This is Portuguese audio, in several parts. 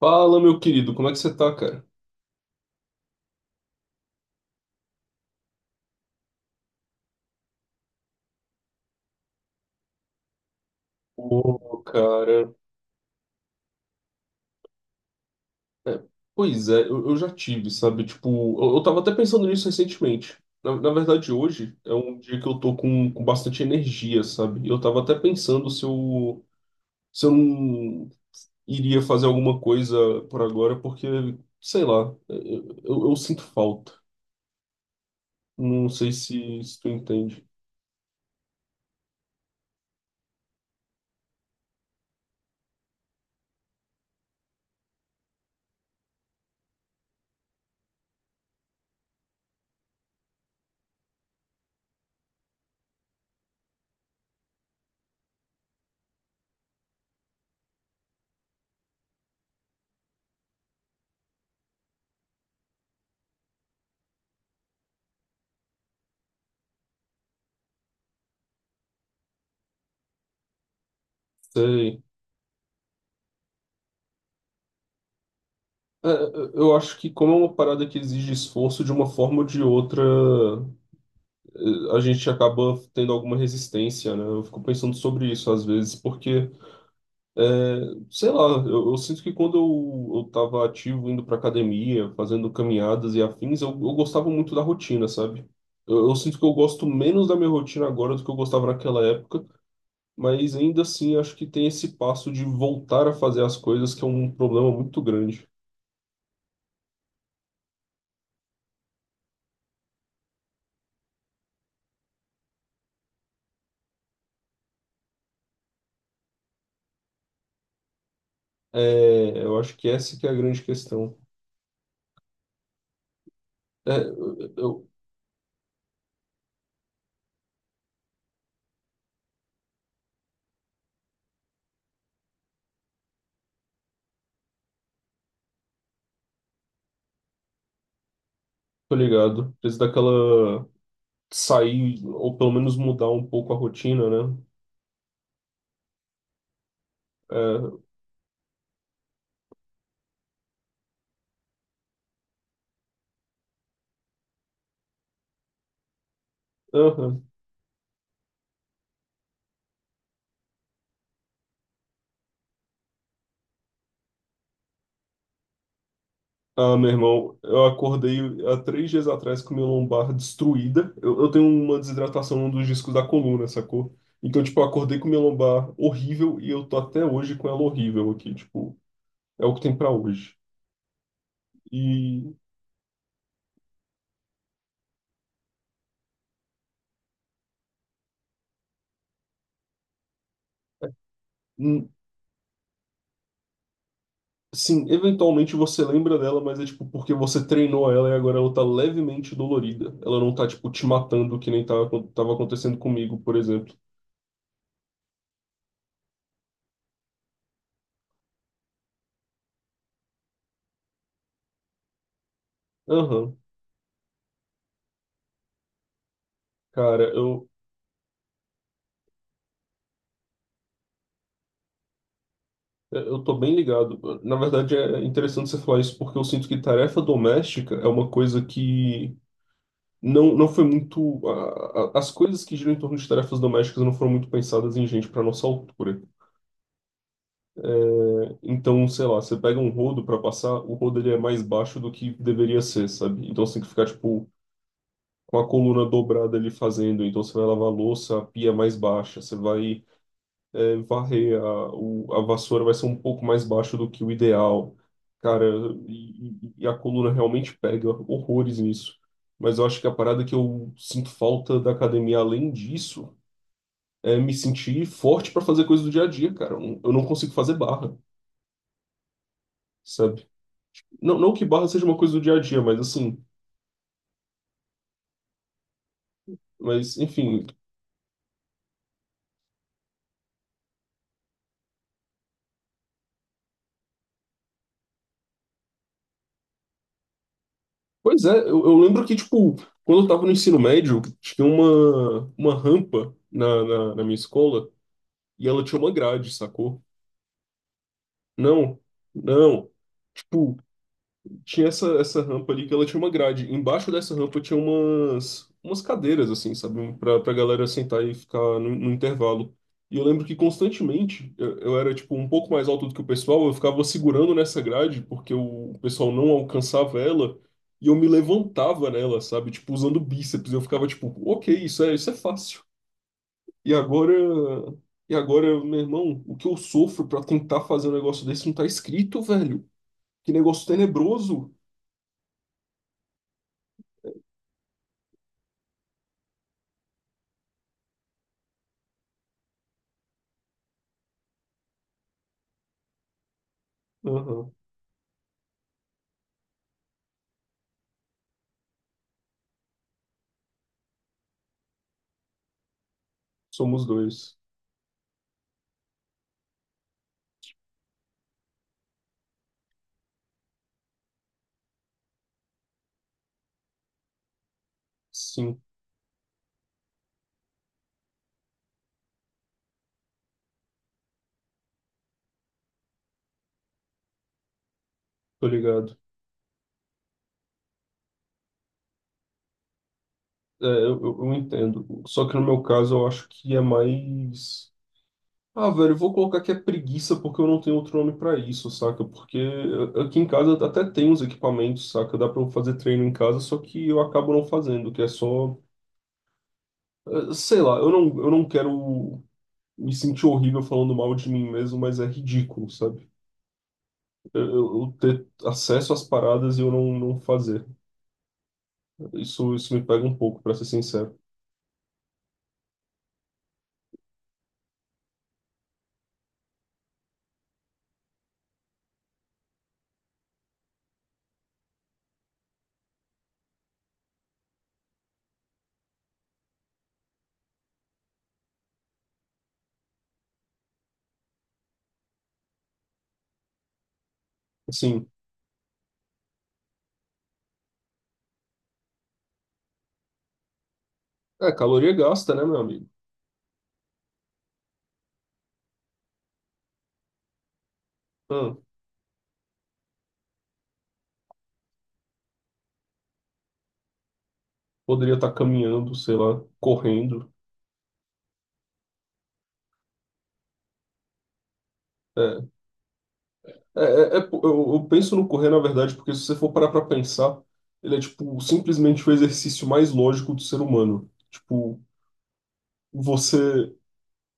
Fala, meu querido, como é que você tá, cara? Ô, cara. é, Pois é, eu já tive, sabe? Tipo, eu tava até pensando nisso recentemente. Na verdade, hoje é um dia que eu tô com bastante energia, sabe? E eu tava até pensando se eu, se eu não iria fazer alguma coisa por agora, porque, sei lá, eu sinto falta. Não sei se, se tu entende. Sei. É, é, eu acho que como é uma parada que exige esforço de uma forma ou de outra. A gente acaba tendo alguma resistência, né? Eu fico pensando sobre isso às vezes, porque, eh, sei lá, eu sinto que quando eu tava ativo, indo pra academia, fazendo caminhadas e afins, eu gostava muito da rotina, sabe? Eu sinto que eu gosto menos da minha rotina agora do que eu gostava naquela época, mas ainda assim acho que tem esse passo de voltar a fazer as coisas que é um problema muito grande. É, eu acho que essa que é a grande questão. É, eu tô ligado. Preciso daquela sair, ou pelo menos mudar um pouco a rotina, né? É, aham. Ah, meu irmão, eu acordei há 3 dias atrás com minha lombar destruída. Eu tenho uma desidratação num dos discos da coluna, sacou? Então, tipo, eu acordei com minha lombar horrível e eu tô até hoje com ela horrível aqui. Tipo, é o que tem pra hoje. E, hum, sim, eventualmente você lembra dela, mas é tipo porque você treinou ela e agora ela tá levemente dolorida. Ela não tá, tipo, te matando que nem tava, tava acontecendo comigo, por exemplo. Aham. Cara, eu tô bem ligado. Na verdade, é interessante você falar isso porque eu sinto que tarefa doméstica é uma coisa que não, não foi muito. As coisas que giram em torno de tarefas domésticas não foram muito pensadas em gente para nossa altura. Então, sei lá, você pega um rodo para passar, o rodo ele é mais baixo do que deveria ser, sabe? Então você tem que ficar, tipo, com a coluna dobrada ali fazendo. Então você vai lavar a louça, a pia é mais baixa, você vai. Varrer a vassoura vai ser um pouco mais baixo do que o ideal. Cara, e a coluna realmente pega horrores nisso. Mas eu acho que a parada que eu sinto falta da academia, além disso, é me sentir forte para fazer coisas do dia a dia, cara. Eu não consigo fazer barra, sabe? Não, não que barra seja uma coisa do dia a dia, mas assim. Mas, enfim. Pois é, eu lembro que, tipo, quando eu tava no ensino médio, tinha uma rampa na, na minha escola e ela tinha uma grade, sacou? Não, não. Tipo, tinha essa, essa rampa ali que ela tinha uma grade. Embaixo dessa rampa tinha umas, umas cadeiras, assim, sabe? Pra, pra galera sentar e ficar no, no intervalo. E eu lembro que constantemente eu era, tipo, um pouco mais alto do que o pessoal. Eu ficava segurando nessa grade porque o pessoal não alcançava ela. E eu me levantava nela, sabe? Tipo, usando bíceps. Eu ficava, tipo, ok, isso é fácil. E agora. E agora, meu irmão, o que eu sofro pra tentar fazer um negócio desse não tá escrito, velho. Que negócio tenebroso. Aham. Somos dois. Sim, tô ligado. É, eu entendo. Só que no meu caso eu acho que é mais. Ah, velho, eu vou colocar que é preguiça porque eu não tenho outro nome pra isso, saca? Porque aqui em casa até tem os equipamentos, saca? Dá pra eu fazer treino em casa, só que eu acabo não fazendo, que é só. Sei lá, eu não quero me sentir horrível falando mal de mim mesmo, mas é ridículo, sabe? Eu ter acesso às paradas e eu não, não fazer. Isso me pega um pouco, para ser sincero. Assim, é caloria gasta, né, meu amigo? Hum, poderia estar caminhando, sei lá, correndo. É, é, eu penso no correr, na verdade, porque se você for parar pra pensar, ele é, tipo, simplesmente o exercício mais lógico do ser humano. Tipo, você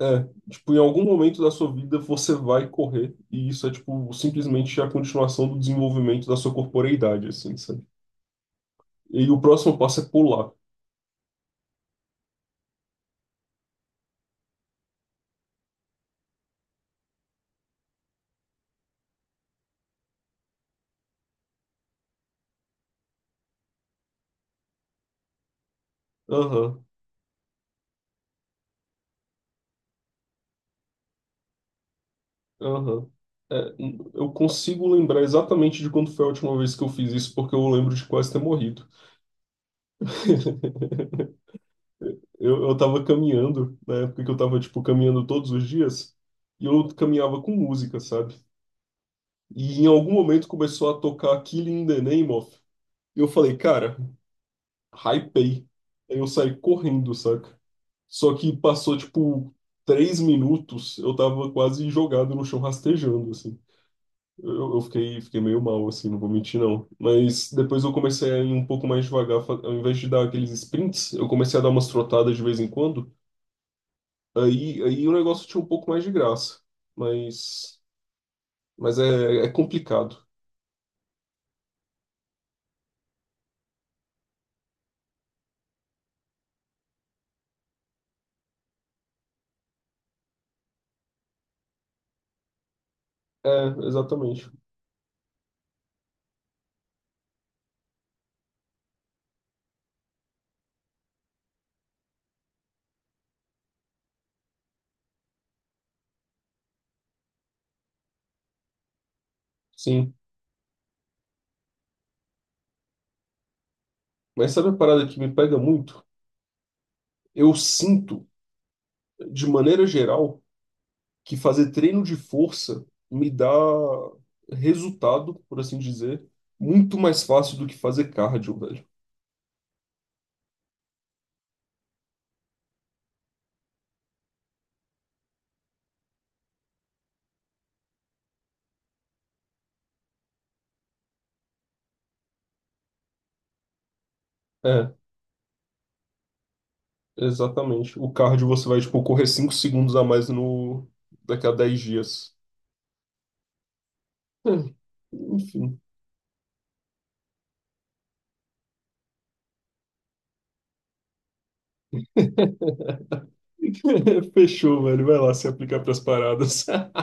É, tipo, em algum momento da sua vida você vai correr, e isso é, tipo, simplesmente a continuação do desenvolvimento da sua corporeidade, assim, sabe? E o próximo passo é pular. Aham, aham. É, eu consigo lembrar exatamente de quando foi a última vez que eu fiz isso, porque eu lembro de quase ter morrido. Eu tava caminhando, na época que eu tava, tipo, caminhando todos os dias, e eu caminhava com música, sabe? E em algum momento começou a tocar Killing in the Name of. E eu falei, cara, hypei. Aí eu saí correndo, saca? Só que passou, tipo, 3 minutos, eu tava quase jogado no chão rastejando, assim. Eu fiquei, fiquei meio mal, assim, não vou mentir, não. Mas depois eu comecei a ir um pouco mais devagar, ao invés de dar aqueles sprints, eu comecei a dar umas trotadas de vez em quando. Aí o negócio tinha um pouco mais de graça. Mas, é, é complicado. É, exatamente. Sim. Mas sabe a parada que me pega muito? Eu sinto, de maneira geral, que fazer treino de força me dá resultado, por assim dizer, muito mais fácil do que fazer cardio, velho. É, exatamente. O cardio você vai, tipo, correr 5 segundos a mais no... daqui a 10 dias. É, enfim. Fechou, velho. Vai lá se aplicar pras paradas.